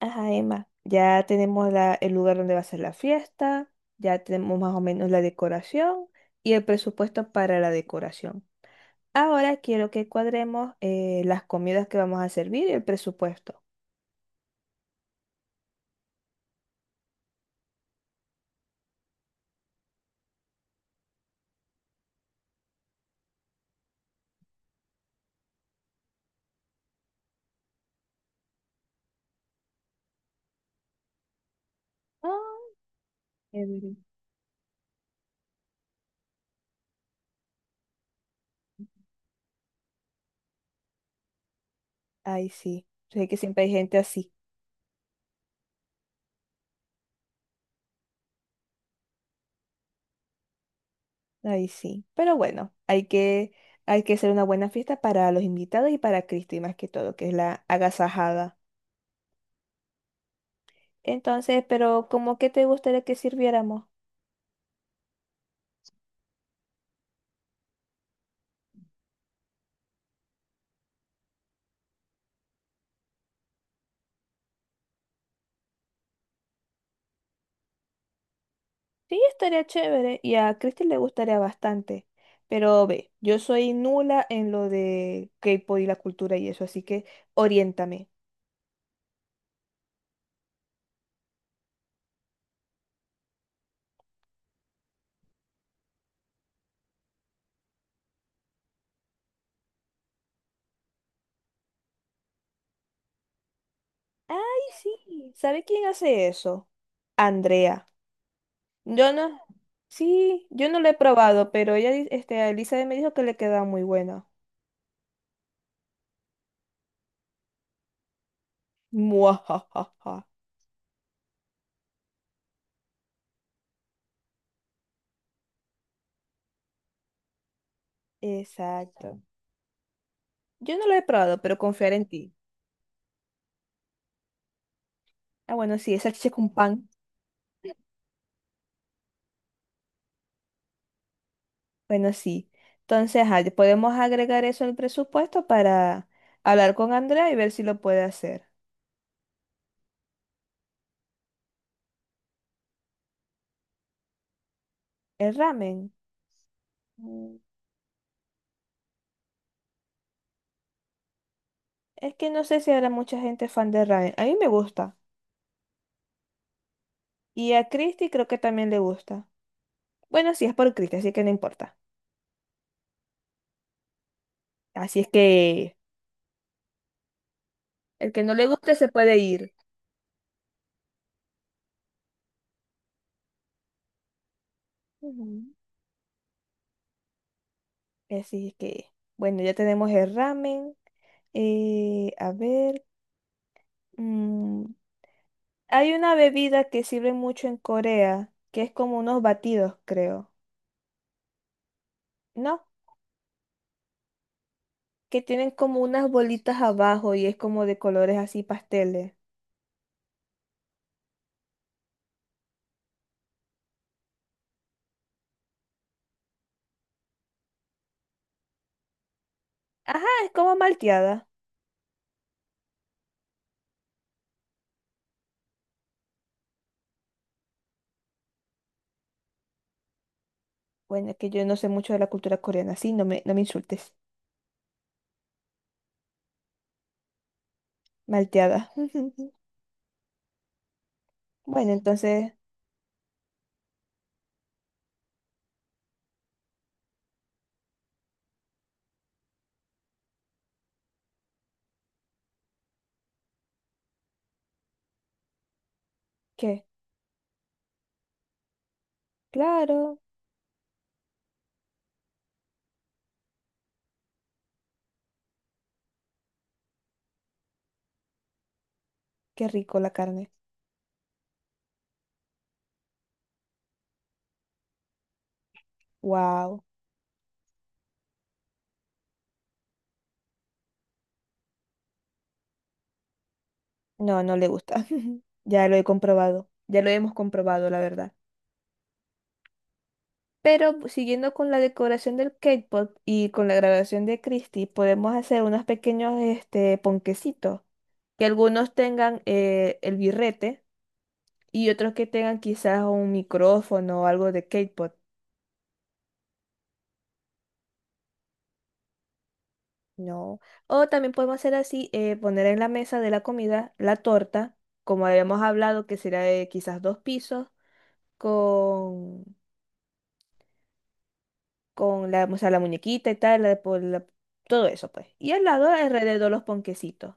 Ajá, Emma, ya tenemos el lugar donde va a ser la fiesta, ya tenemos más o menos la decoración y el presupuesto para la decoración. Ahora quiero que cuadremos las comidas que vamos a servir y el presupuesto. Ah, chévere. Ay, sí, sé que siempre hay gente así, ay, sí. Pero bueno, hay que hacer una buena fiesta para los invitados y para Cristi más que todo, que es la agasajada. Entonces, pero ¿cómo que te gustaría que sirviéramos? Sí, estaría chévere y a Christy le gustaría bastante. Pero ve, yo soy nula en lo de K-pop y la cultura y eso, así que oriéntame. Ay, sí. ¿Sabe quién hace eso? Andrea. Yo no. Sí, yo no lo he probado, pero Elizabeth me dijo que le queda muy buena. Muajajaja. Exacto. Yo no lo he probado, pero confiar en ti. Ah, bueno, sí, esa chicha con pan. Bueno, sí. Entonces, ajá, podemos agregar eso al presupuesto para hablar con Andrea y ver si lo puede hacer. El ramen. mm, Es que no sé si habrá mucha gente fan del ramen. A mí me gusta. Y a Christy creo que también le gusta. Bueno, sí, es por Christy, así que no importa. Así es que el que no le guste se puede ir. Ujú. Así es que, bueno, ya tenemos el ramen. A ver. mm, hay una bebida que sirve mucho en Corea, que es como unos batidos, creo. No, que tienen como unas bolitas abajo y es como de colores así pasteles. Ajá, es como malteada. Bueno, es que yo no sé mucho de la cultura coreana, sí, no me insultes. Malteada. Bueno, entonces, ¿qué? Claro, qué rico la carne. Wow. No, no le gusta. Ya lo he comprobado. Ya lo hemos comprobado, la verdad. Pero pues, siguiendo con la decoración del K-pop y con la grabación de Christie, podemos hacer unos pequeños ponquecitos, que algunos tengan el birrete y otros que tengan quizás un micrófono o algo de K-pop. No. O también podemos hacer así, poner en la mesa de la comida la torta, como habíamos hablado, que será de quizás dos pisos, con, con la, o sea, la muñequita y tal, la- por la- todo eso, pues. Y al lado, alrededor, los ponquecitos.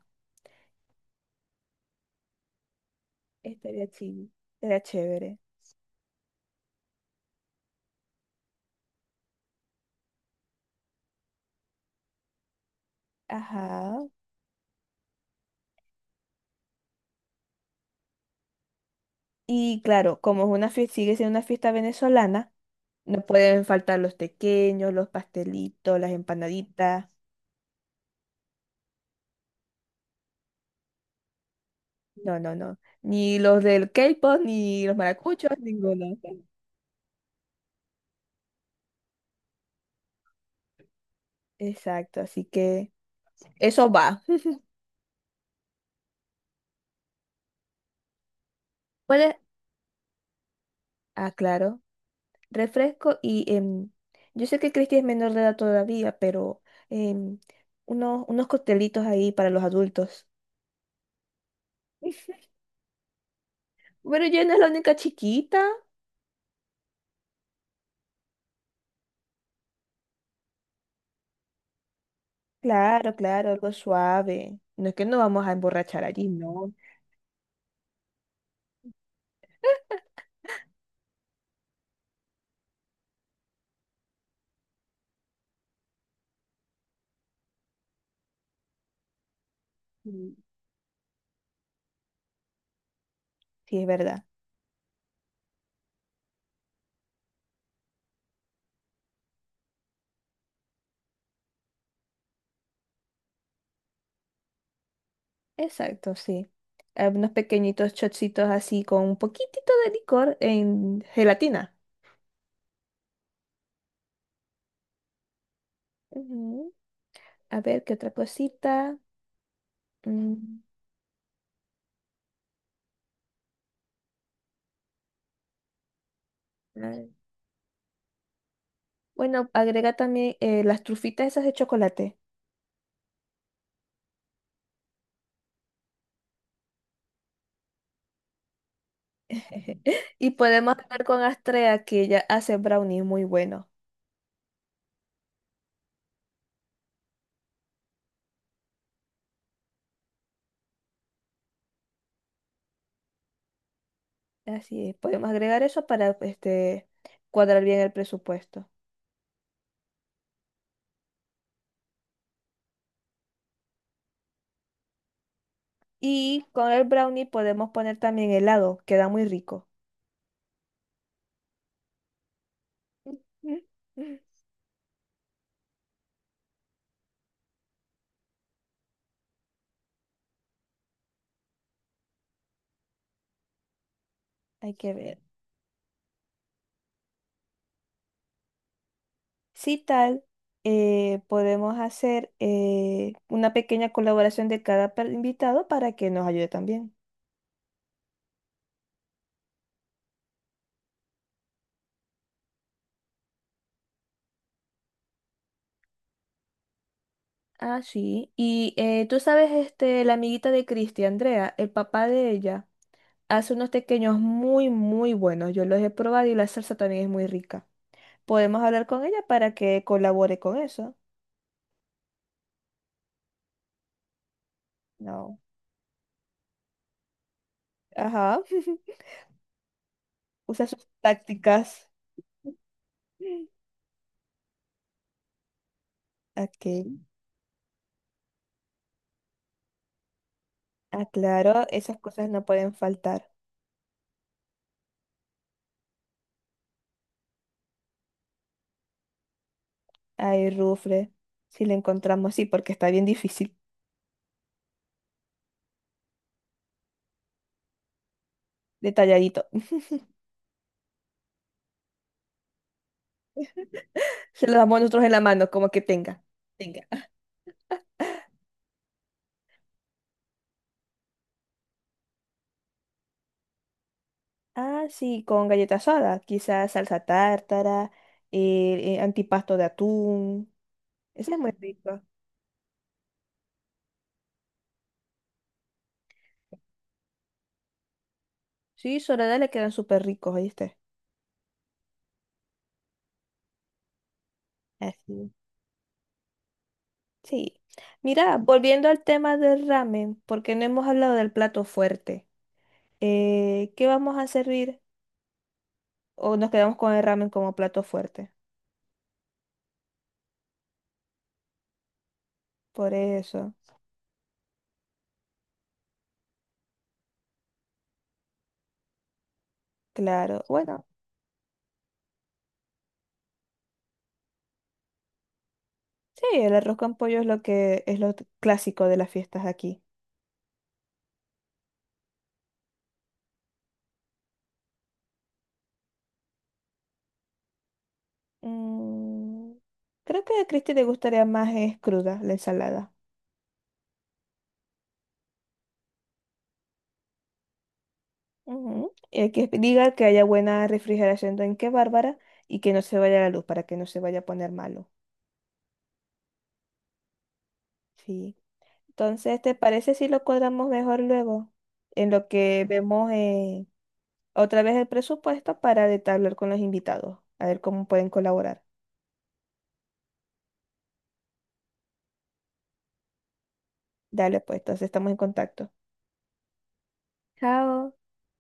Estaría chido, estaría chévere. Ajá. Y claro, como es una fiesta, sigue siendo una fiesta venezolana. No pueden faltar los pequeños, los pastelitos, las empanaditas. No, no, no. Ni los del K-pop, ni los maracuchos, ninguno. Exacto, así que eso va. Puedes, ah, claro, refresco y yo sé que Cristi es menor de edad todavía, pero em, unos coctelitos ahí para los adultos. Pero yo no es la única chiquita. Claro, claro, algo suave. No es que no vamos a emborrachar allí, no. Mm. Sí, es verdad. Exacto, sí. Ah, unos pequeñitos chocitos así con un poquitito de licor en gelatina. Ujú. A ver, ¿qué otra cosita? Mm, ah, bueno, agrega también las trufitas esas de chocolate. Y podemos estar con Astrea, que ella hace brownies muy buenos. Así es, podemos agregar eso para cuadrar bien el presupuesto. Y con el brownie podemos poner también helado, queda muy rico. Hay que ver. Si tal, podemos hacer una pequeña colaboración de cada per- invitado para que nos ayude también. Ah, sí. Y tú sabes, este, la amiguita de Cristi, Andrea, el papá de ella, hace unos pequeños muy buenos. Yo los he probado y la salsa también es muy rica. Podemos hablar con ella para que colabore con eso. No. Ajá. Usa sus tácticas. Mm. Ok. Ah, claro, esas cosas no pueden faltar. Ay, Rufre, si le encontramos, sí, porque está bien difícil, detalladito. Se lo damos nosotros en la mano, como que tenga. Tenga. Ah, sí, con galleta soda, quizás salsa tártara, antipasto de atún. Ese es muy rico. Sí, Soledad le quedan súper ricos, ¿oíste? Así. Sí. Mira, volviendo al tema del ramen, porque no hemos hablado del plato fuerte. ¿Qué vamos a servir? ¿O nos quedamos con el ramen como plato fuerte? Por eso, claro. Bueno. Sí, el arroz con pollo es lo que es lo t- clásico de las fiestas de aquí. Mm, creo que a Cristi le gustaría más es cruda la ensalada. Ujú. Y hay que diga que haya buena refrigeración en qué bárbara y que no se vaya la luz para que no se vaya a poner malo. Sí. Entonces, ¿te parece si lo cuadramos mejor luego? En lo que vemos otra vez el presupuesto para detallar con los invitados, a ver cómo pueden colaborar. Dale, pues, entonces estamos en contacto. Chao.